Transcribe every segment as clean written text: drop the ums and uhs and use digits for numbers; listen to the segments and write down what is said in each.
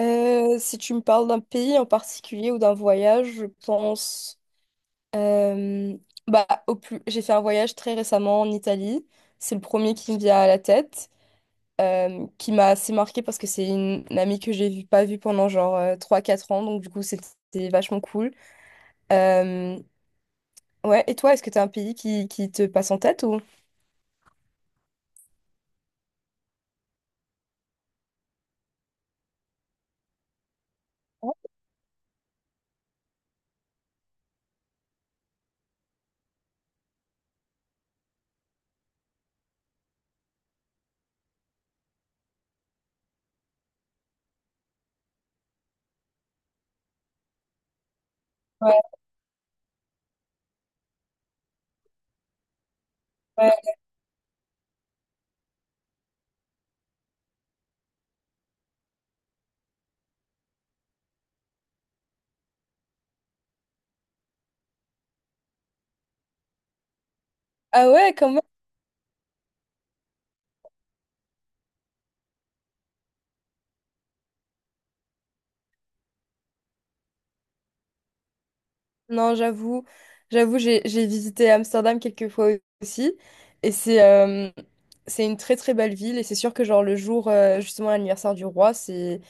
Si tu me parles d'un pays en particulier ou d'un voyage, je pense euh, au plus... J'ai fait un voyage très récemment en Italie. C'est le premier qui me vient à la tête, qui m'a assez marqué parce que c'est une amie que j'ai vu, pas vue pendant genre 3-4 ans, donc du coup c'était vachement cool. Euh, ouais, et toi, est-ce que tu as un pays qui te passe en tête ou... Ouais, ouais. Ah ouais, quand même. Non, j'avoue, j'avoue, j'ai visité Amsterdam quelques fois aussi, et c'est une très très belle ville, et c'est sûr que genre le jour justement l'anniversaire du roi, c'est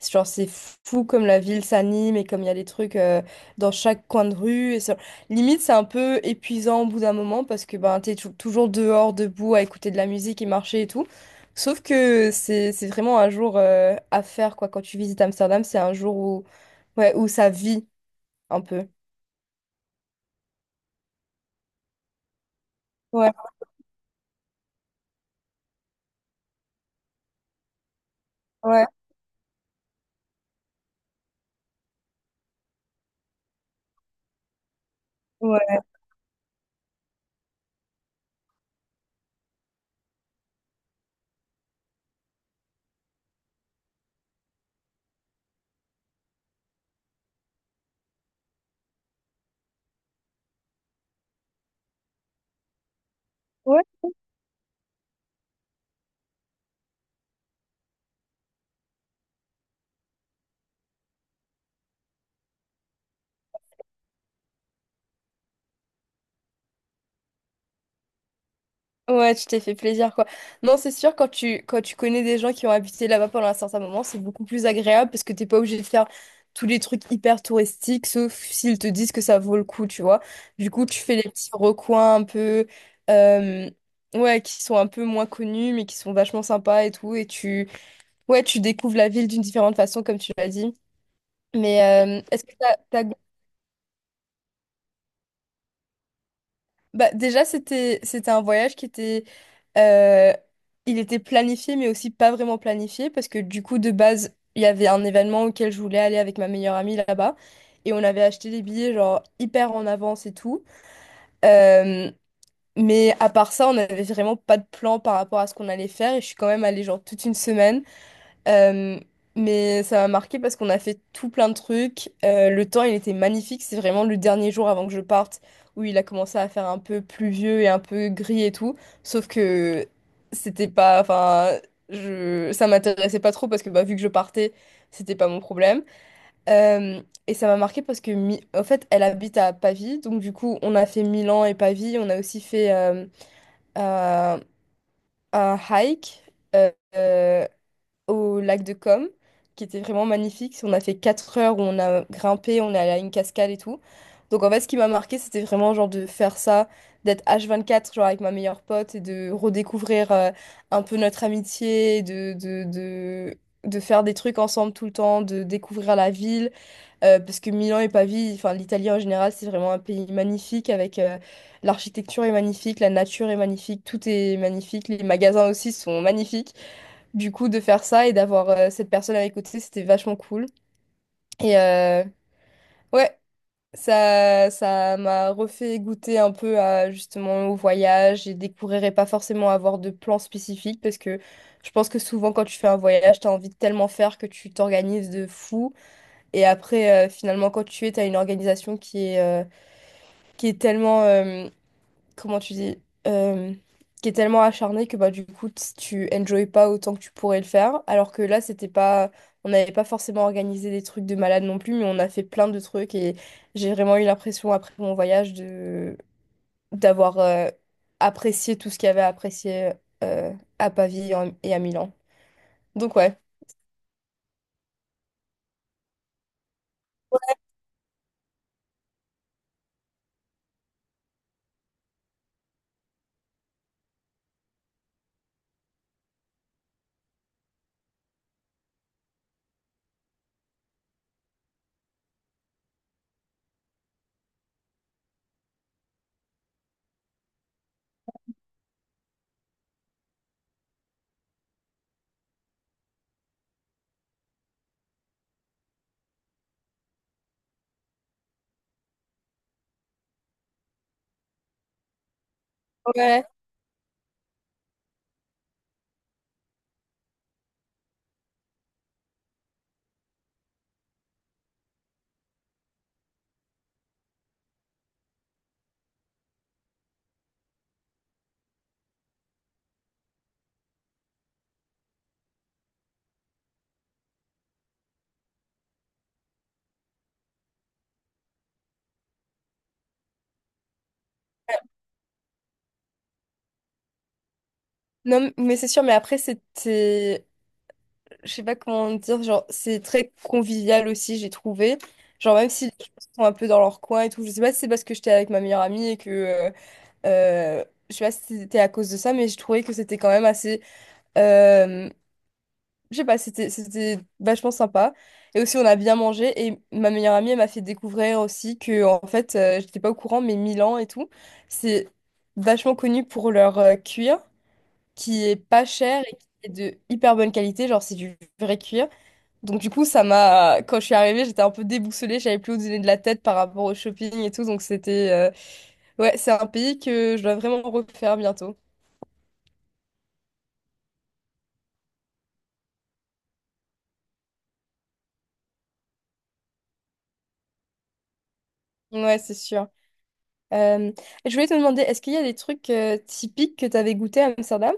c'est genre c'est fou comme la ville s'anime et comme il y a des trucs dans chaque coin de rue, limite c'est un peu épuisant au bout d'un moment parce que ben t'es toujours dehors debout à écouter de la musique et marcher et tout. Sauf que c'est vraiment un jour à faire quoi. Quand tu visites Amsterdam, c'est un jour où ça vit un peu. Ouais. Ouais. Ouais, ouais, ouais, tu t'es fait plaisir, quoi. Non, c'est sûr, quand tu connais des gens qui ont habité là-bas pendant un certain moment, c'est beaucoup plus agréable parce que t'es pas obligé de faire tous les trucs hyper touristiques, sauf s'ils te disent que ça vaut le coup, tu vois. Du coup, tu fais les petits recoins un peu, euh, ouais, qui sont un peu moins connus, mais qui sont vachement sympas et tout. Ouais, tu découvres la ville d'une différente façon, comme tu l'as dit. Mais est-ce que t'as... Bah, déjà, c'était c'était un voyage qui était euh, il était planifié mais aussi pas vraiment planifié parce que du coup de base, il y avait un événement auquel je voulais aller avec ma meilleure amie là-bas et on avait acheté des billets genre hyper en avance et tout. Euh, mais à part ça, on n'avait vraiment pas de plan par rapport à ce qu'on allait faire et je suis quand même allée genre toute une semaine, euh, mais ça m'a marqué parce qu'on a fait tout plein de trucs. Le temps, il était magnifique. C'est vraiment le dernier jour avant que je parte où il a commencé à faire un peu pluvieux et un peu gris et tout. Sauf que c'était pas, enfin, je, ça m'intéressait pas trop parce que bah, vu que je partais, c'était pas mon problème. Euh, et ça m'a marqué parce que, en fait, elle habite à Pavie. Donc, du coup, on a fait Milan et Pavie. On a aussi fait un un hike. Euh, euh, au lac de Com, qui était vraiment magnifique. On a fait 4 heures où on a grimpé, on est allé à une cascade et tout. Donc en fait, ce qui m'a marqué, c'était vraiment genre de faire ça, d'être H24, genre avec ma meilleure pote, et de redécouvrir un peu notre amitié, de faire des trucs ensemble tout le temps, de découvrir la ville. Parce que Milan et Pavie, enfin l'Italie en général, c'est vraiment un pays magnifique avec l'architecture est magnifique, la nature est magnifique, tout est magnifique, les magasins aussi sont magnifiques. Du coup, de faire ça et d'avoir cette personne à mes côtés, c'était vachement cool. Et euh, ouais, ça m'a refait goûter un peu à, justement au voyage et découvrir et pas forcément avoir de plan spécifique parce que je pense que souvent quand tu fais un voyage, t'as envie de tellement faire que tu t'organises de fou. Et après, finalement, t'as une organisation qui est tellement... comment tu dis, euh, qui est tellement acharné que bah du coup tu enjoy pas autant que tu pourrais le faire. Alors que là, c'était pas, on n'avait pas forcément organisé des trucs de malade non plus, mais on a fait plein de trucs et j'ai vraiment eu l'impression après mon voyage de d'avoir apprécié tout ce qu'il y avait à apprécier euh, à Pavie et à Milan. Donc ouais. Ouais. Non, mais c'est sûr, mais après c'était, je sais pas comment dire, genre, c'est très convivial aussi, j'ai trouvé. Genre, même si les gens sont un peu dans leur coin et tout, je sais pas si c'est parce que j'étais avec ma meilleure amie et que, euh, je sais pas si c'était à cause de ça, mais je trouvais que c'était quand même assez, euh, je sais pas, c'était vachement sympa. Et aussi, on a bien mangé et ma meilleure amie, elle m'a fait découvrir aussi que, en fait, j'étais pas au courant, mais Milan et tout, c'est vachement connu pour leur cuir qui est pas cher et qui est de hyper bonne qualité, genre, c'est du vrai cuir. Donc du coup, ça m'a, quand je suis arrivée, j'étais un peu déboussolée, j'avais plus où donner de la tête par rapport au shopping et tout. Donc c'était ouais, c'est un pays que je dois vraiment refaire bientôt. Ouais, c'est sûr. Euh, Je voulais te demander, est-ce qu'il y a des trucs typiques que tu avais goûté à Amsterdam?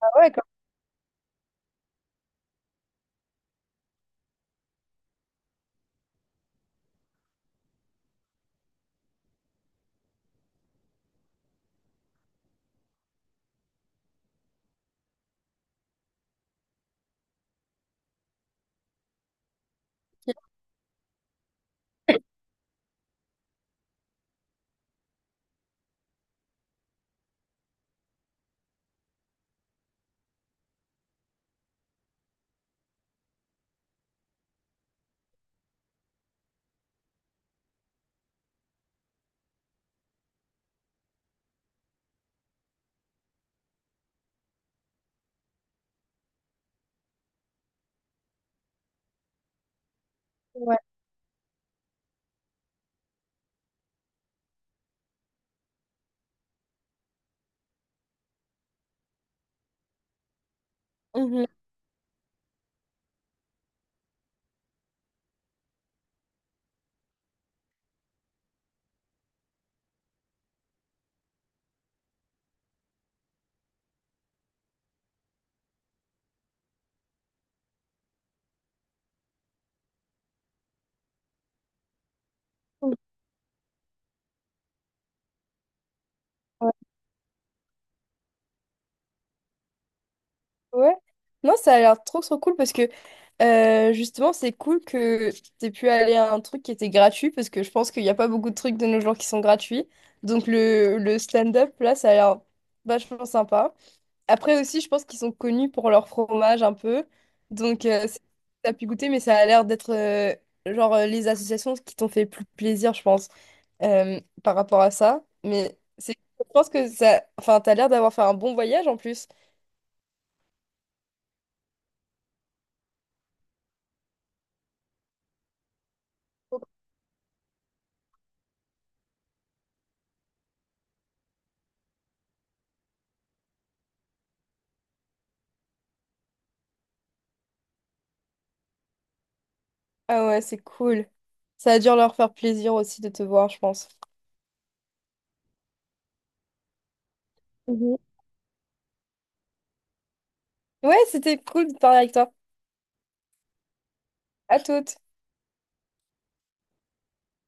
Ah ouais, comme... Ouais. Mhm. Ouais. Non, ça a l'air trop trop cool parce que justement, c'est cool que t'aies pu aller à un truc qui était gratuit parce que je pense qu'il n'y a pas beaucoup de trucs de nos jours qui sont gratuits. Donc le stand-up, là, ça a l'air vachement sympa. Après aussi, je pense qu'ils sont connus pour leur fromage un peu. Donc t'as pu goûter, mais ça a l'air d'être les associations qui t'ont fait le plus plaisir, je pense, par rapport à ça. Je pense que ça, enfin, t'as l'air d'avoir fait un bon voyage en plus. Ah ouais, c'est cool. Ça a dû leur faire plaisir aussi de te voir, je pense. Mhm. Ouais, c'était cool de parler avec toi. À toutes.